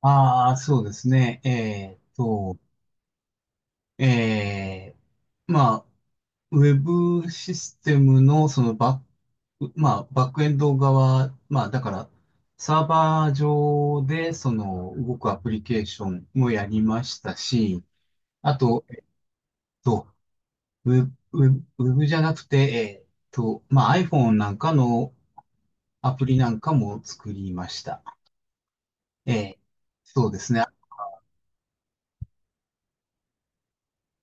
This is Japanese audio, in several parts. ああ、そうですね。えまあ、ウェブシステムのそのバック、まあ、バックエンド側、まあ、だから、サーバー上でその動くアプリケーションもやりましたし、あと、と、ウェブ、ウェブじゃなくて、まあ、iPhone なんかのアプリなんかも作りました。えー、そうですね。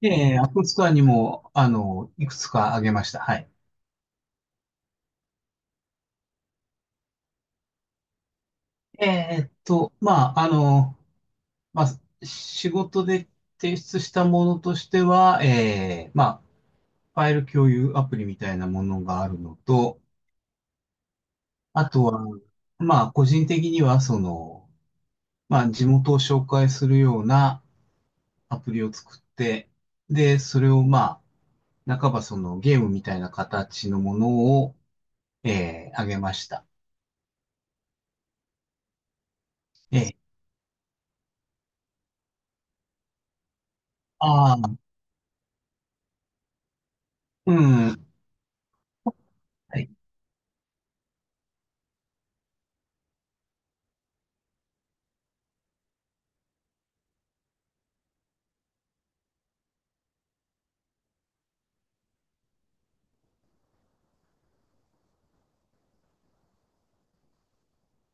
App Store にも、あの、いくつかあげました。はい。まあ、あの、まあ、仕事で提出したものとしては、まあ、ファイル共有アプリみたいなものがあるのと、あとは、まあ、個人的には、その、まあ、地元を紹介するようなアプリを作って、で、それを、まあ、半ばそのゲームみたいな形のものを、あげました。えー、ああ、うん、はい、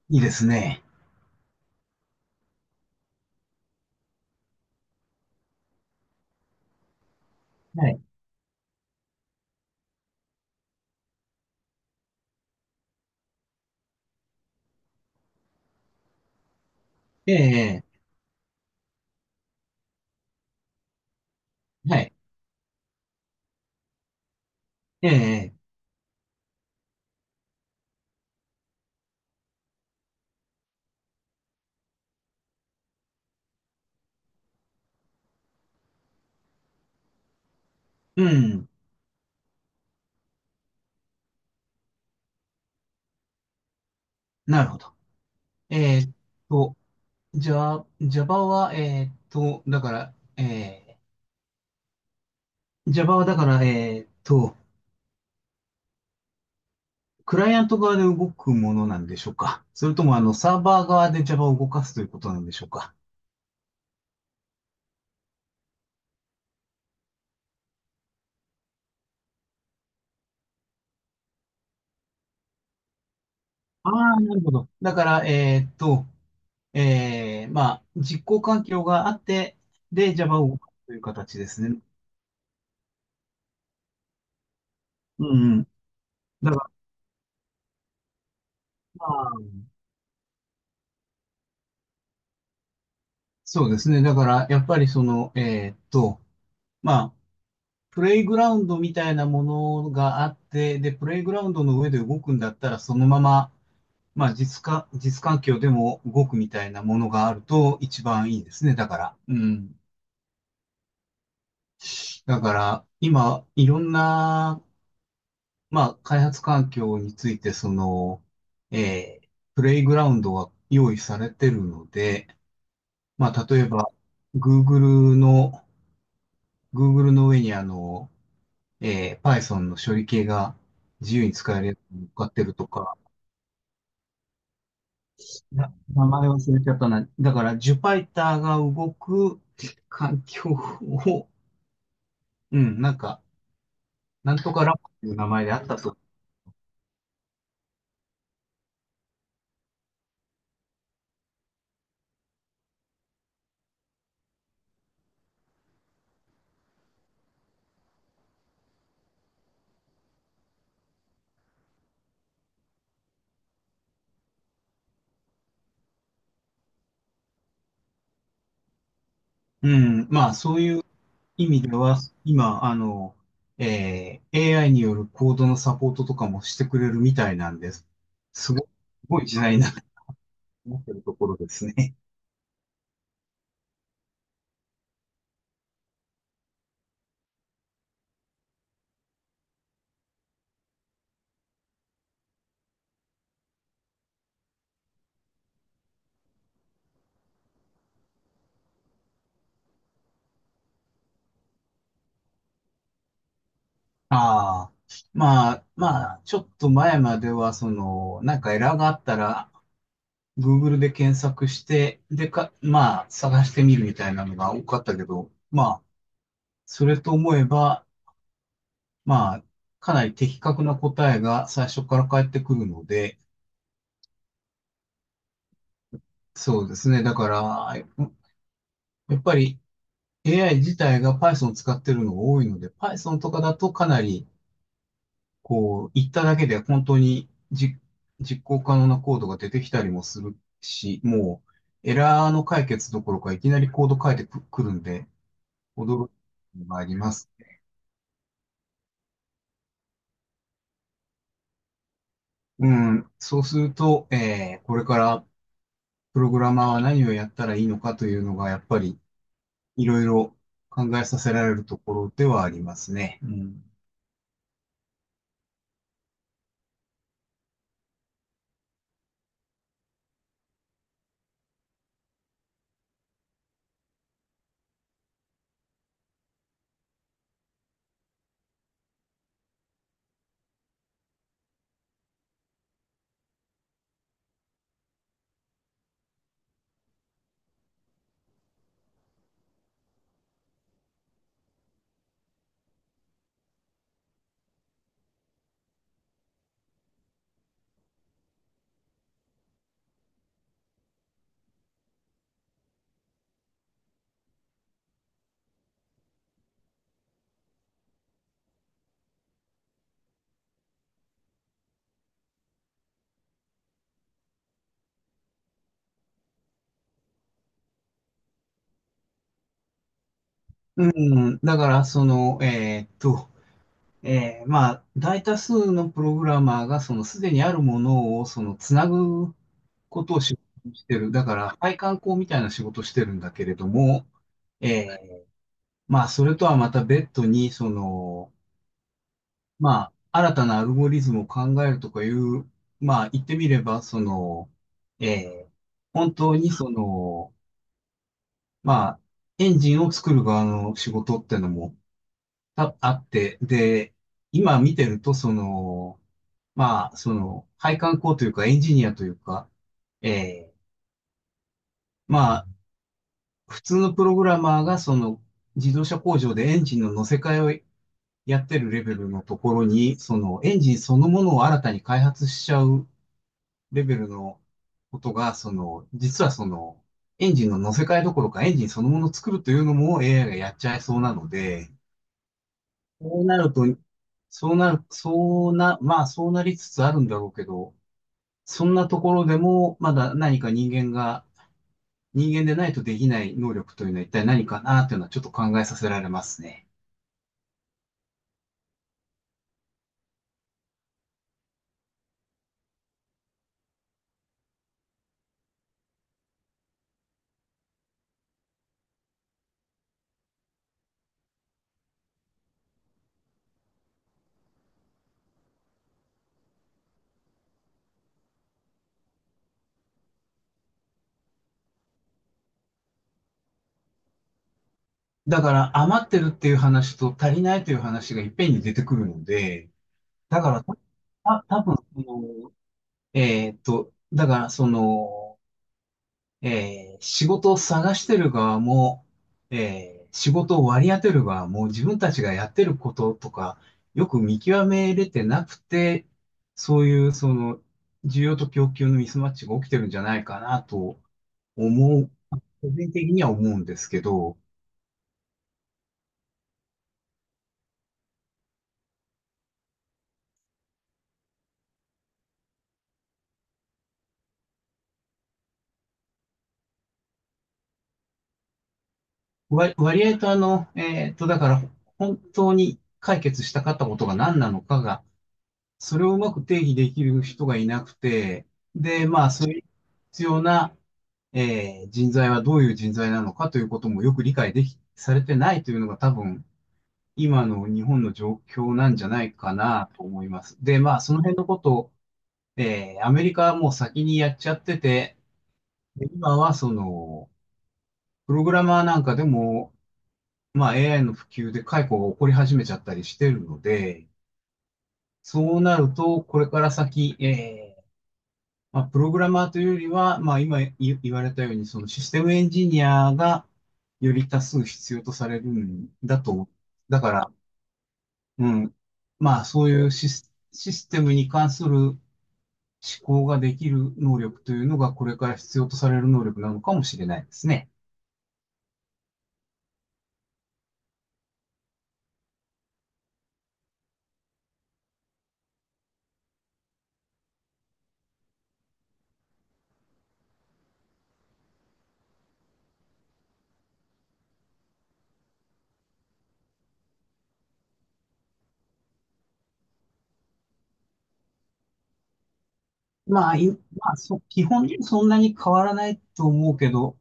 いいですね。はい、ええはい、ええうん。なるほど。えーっと、じゃあ、Java は、えーっと、だから、えー、Java はだから、えーっと、クライアント側で動くものなんでしょうか、それとも、あの、サーバー側で Java を動かすということなんでしょうか。ああ、なるほど。だから、まあ、実行環境があって、で、Java を動かすという形ですね。うんうん。だから、まあ、そうですね。だから、やっぱりその、まあ、プレイグラウンドみたいなものがあって、で、プレイグラウンドの上で動くんだったら、そのまま、まあ、実か、実環境でも動くみたいなものがあると一番いいですね。だから。うん。だから、今、いろんな、まあ、開発環境について、その、えープレイグラウンドが用意されてるので、まあ、例えば、Google の、Google の上にあの、Python の処理系が自由に使えるやつに乗っかってるとか、な名前忘れちゃったな。だから、ジュパイターが動く環境を、うん、なんか、なんとかラボという名前であったと。うん、まあ、そういう意味では、今、あの、AI によるコードのサポートとかもしてくれるみたいなんです。すごい、すごい時代になってってるところですね。ああ。まあ、まあ、ちょっと前までは、その、なんかエラーがあったら、Google で検索して、でか、まあ、探してみるみたいなのが多かったけど、まあ、それと思えば、まあ、かなり的確な答えが最初から返ってくるので、そうですね。だから、やっぱり AI 自体が Python を使ってるのが多いので、Python とかだとかなり、こう、言っただけで本当にじ実行可能なコードが出てきたりもするし、もう、エラーの解決どころかいきなりコード書いてくくるんで、驚くのがあります。うん、そうすると、これからプログラマーは何をやったらいいのかというのが、やっぱりいろいろ考えさせられるところではありますね。うん。うだから、その、まあ、大多数のプログラマーが、その、すでにあるものを、その、つなぐことを仕事にしてる。だから、配管工みたいな仕事をしてるんだけれども、えーまあ、それとはまた別途に、その、まあ、新たなアルゴリズムを考えるとかいう、まあ、言ってみれば、その、ええ本当にその、まあ、エンジンを作る側の仕事ってのもたあって、で、今見てると、その、まあ、その、配管工というか、エンジニアというか、ええまあ、普通のプログラマーが、その、自動車工場でエンジンの乗せ替えをやってるレベルのところに、その、エンジンそのものを新たに開発しちゃうレベルのことが、その、実はその、エンジンの乗せ替えどころかエンジンそのものを作るというのも AI がやっちゃいそうなので、そうなると、そうなる、そうな、まあそうなりつつあるんだろうけど、そんなところでもまだ何か人間が、人間でないとできない能力というのは一体何かなというのはちょっと考えさせられますね。だから余ってるっていう話と足りないという話がいっぺんに出てくるので、だからた、た多分そのだから、その、仕事を探してる側も、仕事を割り当てる側も、自分たちがやってることとか、よく見極めれてなくて、そういう、その、需要と供給のミスマッチが起きてるんじゃないかなと思う、個人的には思うんですけど、割、割合とあの、だから、本当に解決したかったことが何なのかが、それをうまく定義できる人がいなくて、で、まあ、それに必要な、人材はどういう人材なのかということもよく理解でき、されてないというのが多分、今の日本の状況なんじゃないかなと思います。で、まあ、その辺のことを、アメリカはもう先にやっちゃってて、で今はその、プログラマーなんかでも、まあ、AI の普及で解雇が起こり始めちゃったりしてるので、そうなると、これから先、まあ、プログラマーというよりは、まあ、今い言われたように、そのシステムエンジニアがより多数必要とされるんだと。だから、うん。まあ、そういうシス、システムに関する思考ができる能力というのが、これから必要とされる能力なのかもしれないですね。まあ、いそ、基本そんなに変わらないと思うけど、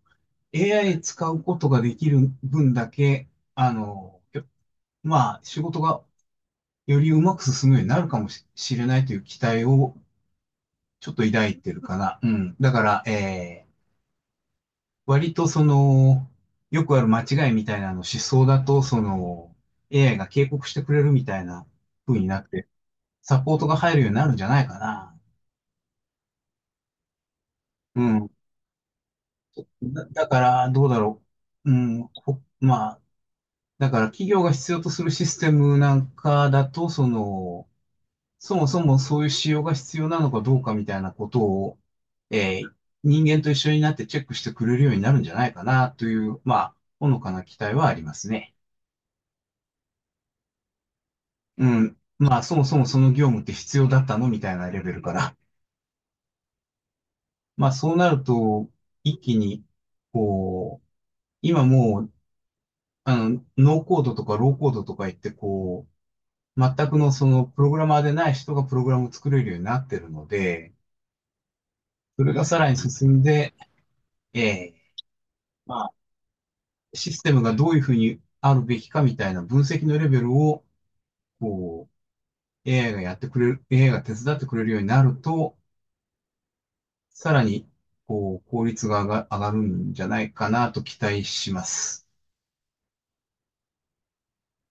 AI 使うことができる分だけ、あの、まあ、仕事がよりうまく進むようになるかもしれないという期待をちょっと抱いてるかな。うん。だから、割とその、よくある間違いみたいなの思想だと、その、AI が警告してくれるみたいな風になって、サポートが入るようになるんじゃないかな。うん。だ、だから、どうだろう。うん。ほまあ、だから企業が必要とするシステムなんかだと、その、そもそもそういう仕様が必要なのかどうかみたいなことを、えー人間と一緒になってチェックしてくれるようになるんじゃないかなという、まあ、ほのかな期待はありますね。うん。まあ、そもそもその業務って必要だったのみたいなレベルから。まあ、そうなると、一気に、こう、今もう、あの、ノーコードとかローコードとか言って、こう、全くのそのプログラマーでない人がプログラムを作れるようになってるので、それがさらに進んで、ええまあシステムがどういうふうにあるべきかみたいな分析のレベルを、こう、AI がやってくれる、AI が手伝ってくれるようになると、さらに、こう、効率が上が上がるんじゃないかなと期待します。